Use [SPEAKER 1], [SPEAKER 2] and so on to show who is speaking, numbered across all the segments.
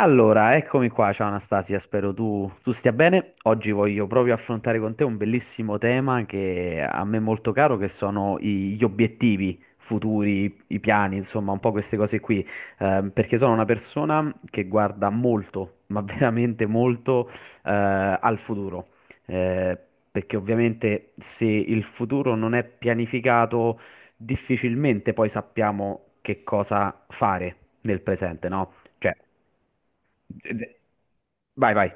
[SPEAKER 1] Allora, eccomi qua, ciao Anastasia, spero tu stia bene. Oggi voglio proprio affrontare con te un bellissimo tema che a me è molto caro, che sono gli obiettivi futuri, i piani, insomma, un po' queste cose qui. Perché sono una persona che guarda molto, ma veramente molto, al futuro. Eh, Perché ovviamente se il futuro non è pianificato, difficilmente poi sappiamo che cosa fare nel presente, no? Cioè, vai, vai.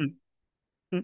[SPEAKER 1] Mm, mm.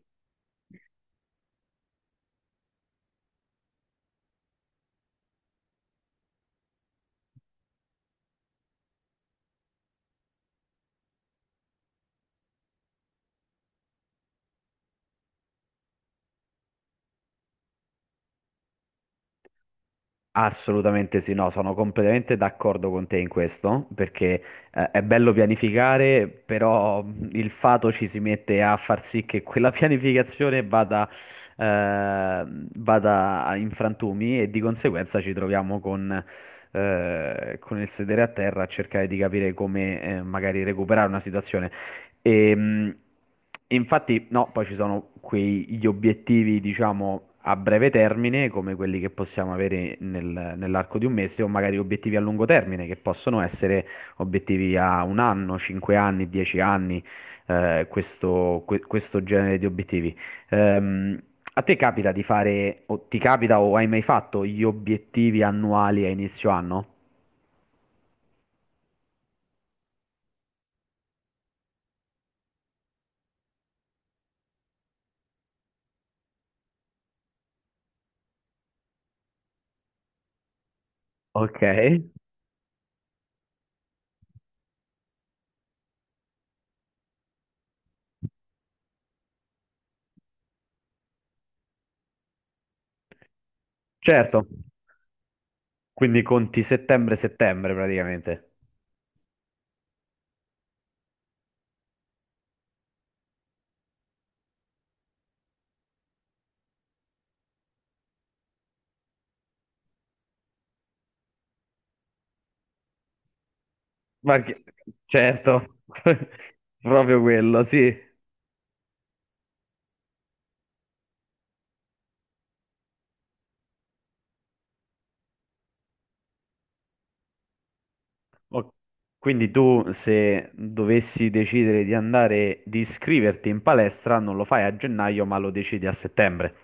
[SPEAKER 1] Assolutamente sì, no, sono completamente d'accordo con te in questo, perché è bello pianificare, però il fato ci si mette a far sì che quella pianificazione vada, vada in frantumi e di conseguenza ci troviamo con il sedere a terra a cercare di capire come magari recuperare una situazione. E, mh, infatti, no, poi ci sono gli obiettivi, diciamo, a breve termine, come quelli che possiamo avere nell'arco di un mese, o magari obiettivi a lungo termine, che possono essere obiettivi a un anno, cinque anni, dieci anni, questo, questo genere di obiettivi. Ehm, A te capita di fare, o ti capita o hai mai fatto gli obiettivi annuali a inizio anno? Ok, certo. Quindi conti settembre-settembre praticamente. Ma che- certo, proprio quello, sì. O- Quindi tu se dovessi decidere di andare, di iscriverti in palestra, non lo fai a gennaio, ma lo decidi a settembre.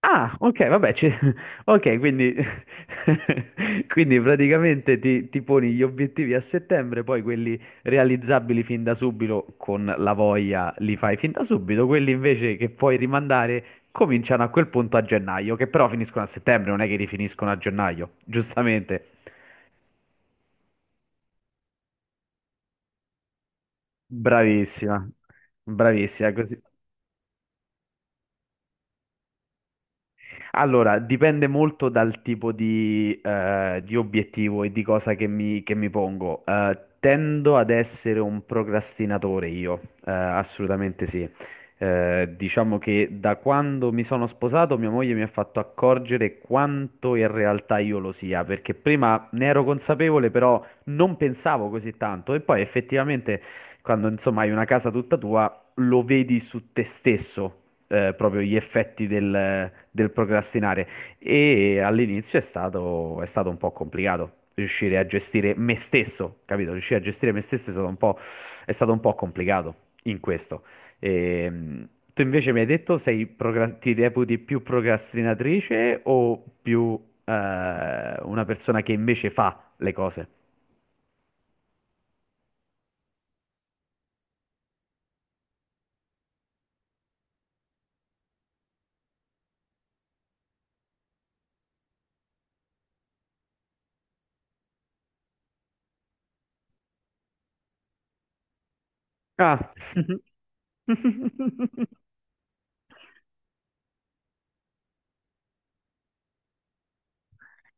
[SPEAKER 1] Ah, ok, vabbè, ok, quindi, quindi praticamente ti poni gli obiettivi a settembre, poi quelli realizzabili fin da subito con la voglia li fai fin da subito, quelli invece che puoi rimandare cominciano a quel punto a gennaio, che però finiscono a settembre, non è che rifiniscono a gennaio, giustamente. Bravissima, bravissima, così. Allora, dipende molto dal tipo di obiettivo e di cosa che mi pongo. Tendo ad essere un procrastinatore io, assolutamente sì. Diciamo che da quando mi sono sposato, mia moglie mi ha fatto accorgere quanto in realtà io lo sia, perché prima ne ero consapevole, però non pensavo così tanto. E poi effettivamente, quando insomma hai una casa tutta tua, lo vedi su te stesso proprio gli effetti del procrastinare. E all'inizio è stato un po' complicato riuscire a gestire me stesso, capito? Riuscire a gestire me stesso è stato un po' complicato in questo. Ehm, Tu invece mi hai detto sei ti reputi più procrastinatrice o più eh, una persona che invece fa le cose? Ah,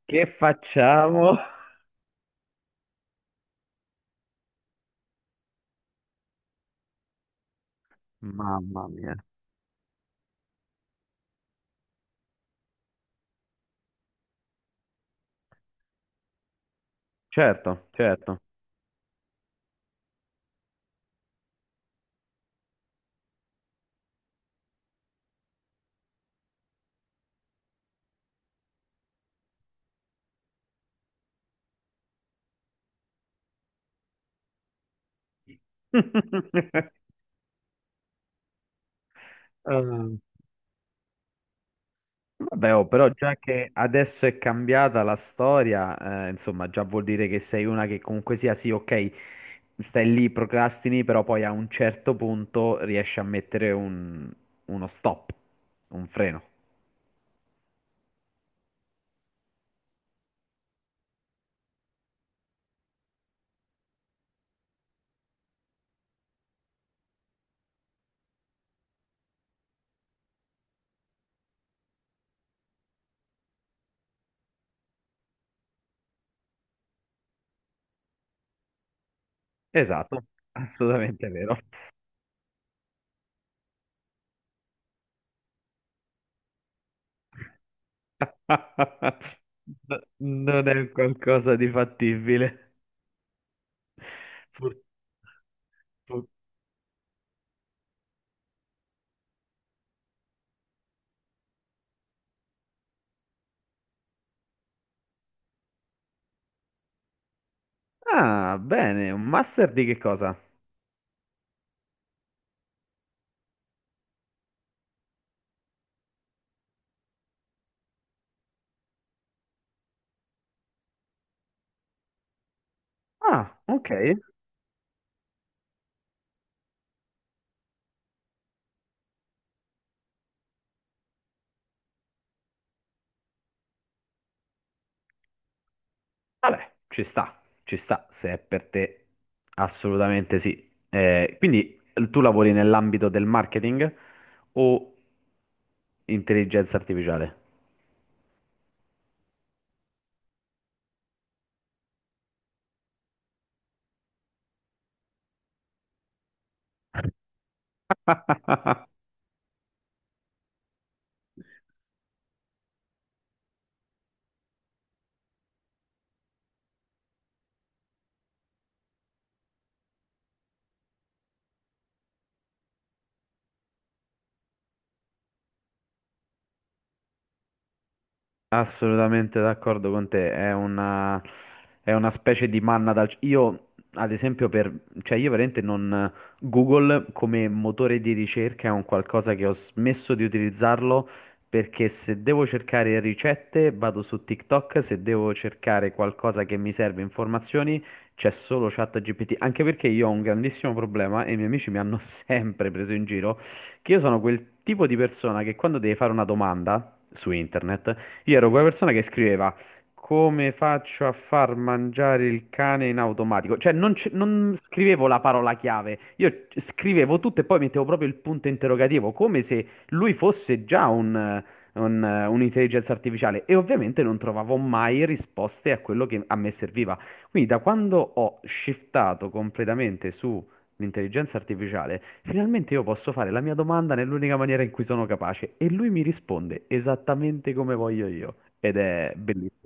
[SPEAKER 1] che facciamo? Mamma mia. Certo, certo. Eh, Vabbè, oh, però già che adesso è cambiata la storia, insomma, già vuol dire che sei una che comunque sia, sì, ok, stai lì, procrastini, però poi a un certo punto riesci a mettere uno stop, un freno. Esatto, assolutamente vero. Non è qualcosa di fattibile. Pur- pur- Ah, bene, un master di che cosa? Ah, ok. Vabbè, ci sta, se è per te, assolutamente sì. Quindi tu lavori nell'ambito del marketing o intelligenza artificiale? Assolutamente d'accordo con te, è una specie di manna dal... Io, ad esempio, per... cioè io veramente non... Google come motore di ricerca è un qualcosa che ho smesso di utilizzarlo perché se devo cercare ricette vado su TikTok, se devo cercare qualcosa che mi serve informazioni c'è solo ChatGPT, anche perché io ho un grandissimo problema e i miei amici mi hanno sempre preso in giro, che io sono quel tipo di persona che quando deve fare una domanda su internet, io ero quella persona che scriveva come faccio a far mangiare il cane in automatico. Cioè, non, non scrivevo la parola chiave, io scrivevo tutto e poi mettevo proprio il punto interrogativo, come se lui fosse già un'intelligenza artificiale. E ovviamente non trovavo mai risposte a quello che a me serviva. Quindi, da quando ho shiftato completamente su l'intelligenza artificiale, finalmente io posso fare la mia domanda nell'unica maniera in cui sono capace e lui mi risponde esattamente come voglio io. Ed è bellissimo.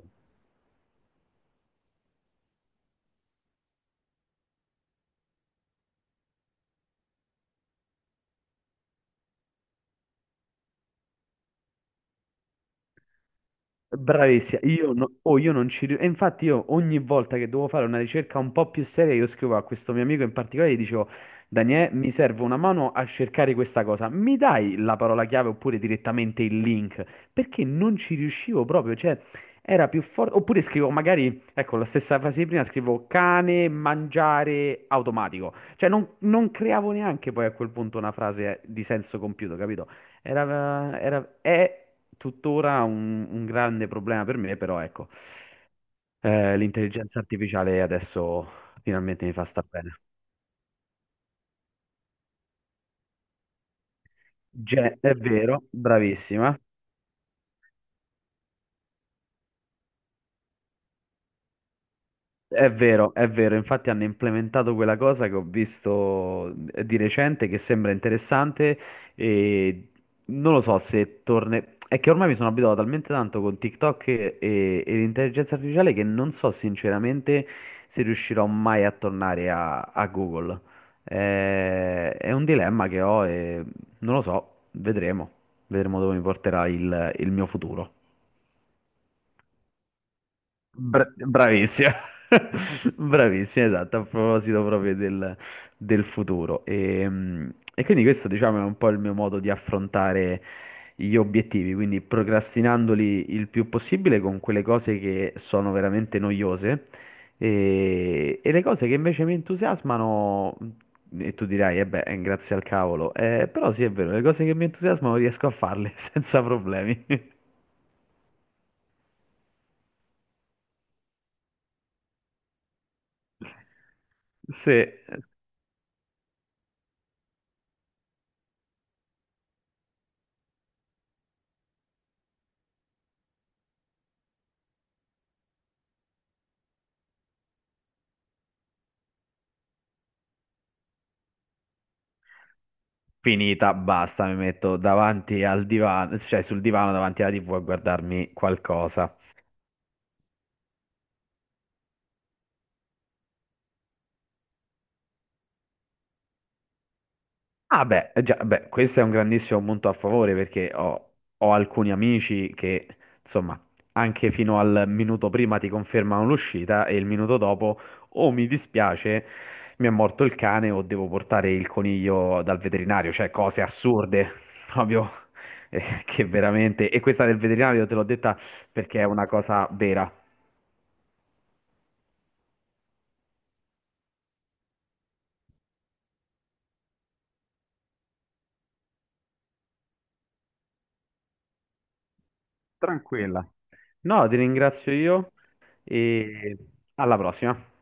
[SPEAKER 1] Bravissima, io, oh, io non ci riuscivo. E infatti io ogni volta che dovevo fare una ricerca un po' più seria, io scrivo a questo mio amico in particolare, e gli dicevo, Daniele, mi serve una mano a cercare questa cosa, mi dai la parola chiave oppure direttamente il link? Perché non ci riuscivo proprio, cioè era più forte. Oppure scrivo magari, ecco, la stessa frase di prima, scrivo cane, mangiare, automatico. Cioè non, non creavo neanche poi a quel punto una frase di senso compiuto, capito? È tuttora un grande problema per me, però ecco, l'intelligenza artificiale adesso finalmente mi fa star bene. È vero, bravissima. È vero, infatti hanno implementato quella cosa che ho visto di recente che sembra interessante e non lo so se torne... È che ormai mi sono abituato talmente tanto con TikTok e l'intelligenza artificiale che non so sinceramente se riuscirò mai a tornare a Google. È un dilemma che ho e non lo so, vedremo, vedremo dove mi porterà il mio futuro. Bravissima, bravissima, esatto, a proposito proprio del futuro. E quindi questo, diciamo, è un po' il mio modo di affrontare gli obiettivi, quindi procrastinandoli il più possibile con quelle cose che sono veramente noiose e le cose che invece mi entusiasmano, e tu dirai, eh beh, grazie al cavolo. Però sì, è vero, le cose che mi entusiasmano riesco a farle senza problemi. Sì, finita, basta, mi metto davanti al divano, cioè sul divano davanti alla TV a guardarmi qualcosa. Ah beh, eh già, beh, questo è un grandissimo punto a favore perché ho, ho alcuni amici che, insomma, anche fino al minuto prima ti confermano l'uscita e il minuto dopo o mi dispiace, mi è morto il cane o devo portare il coniglio dal veterinario, cioè cose assurde, proprio, che veramente... E questa del veterinario te l'ho detta perché è una cosa vera. Tranquilla. No, ti ringrazio io e alla prossima.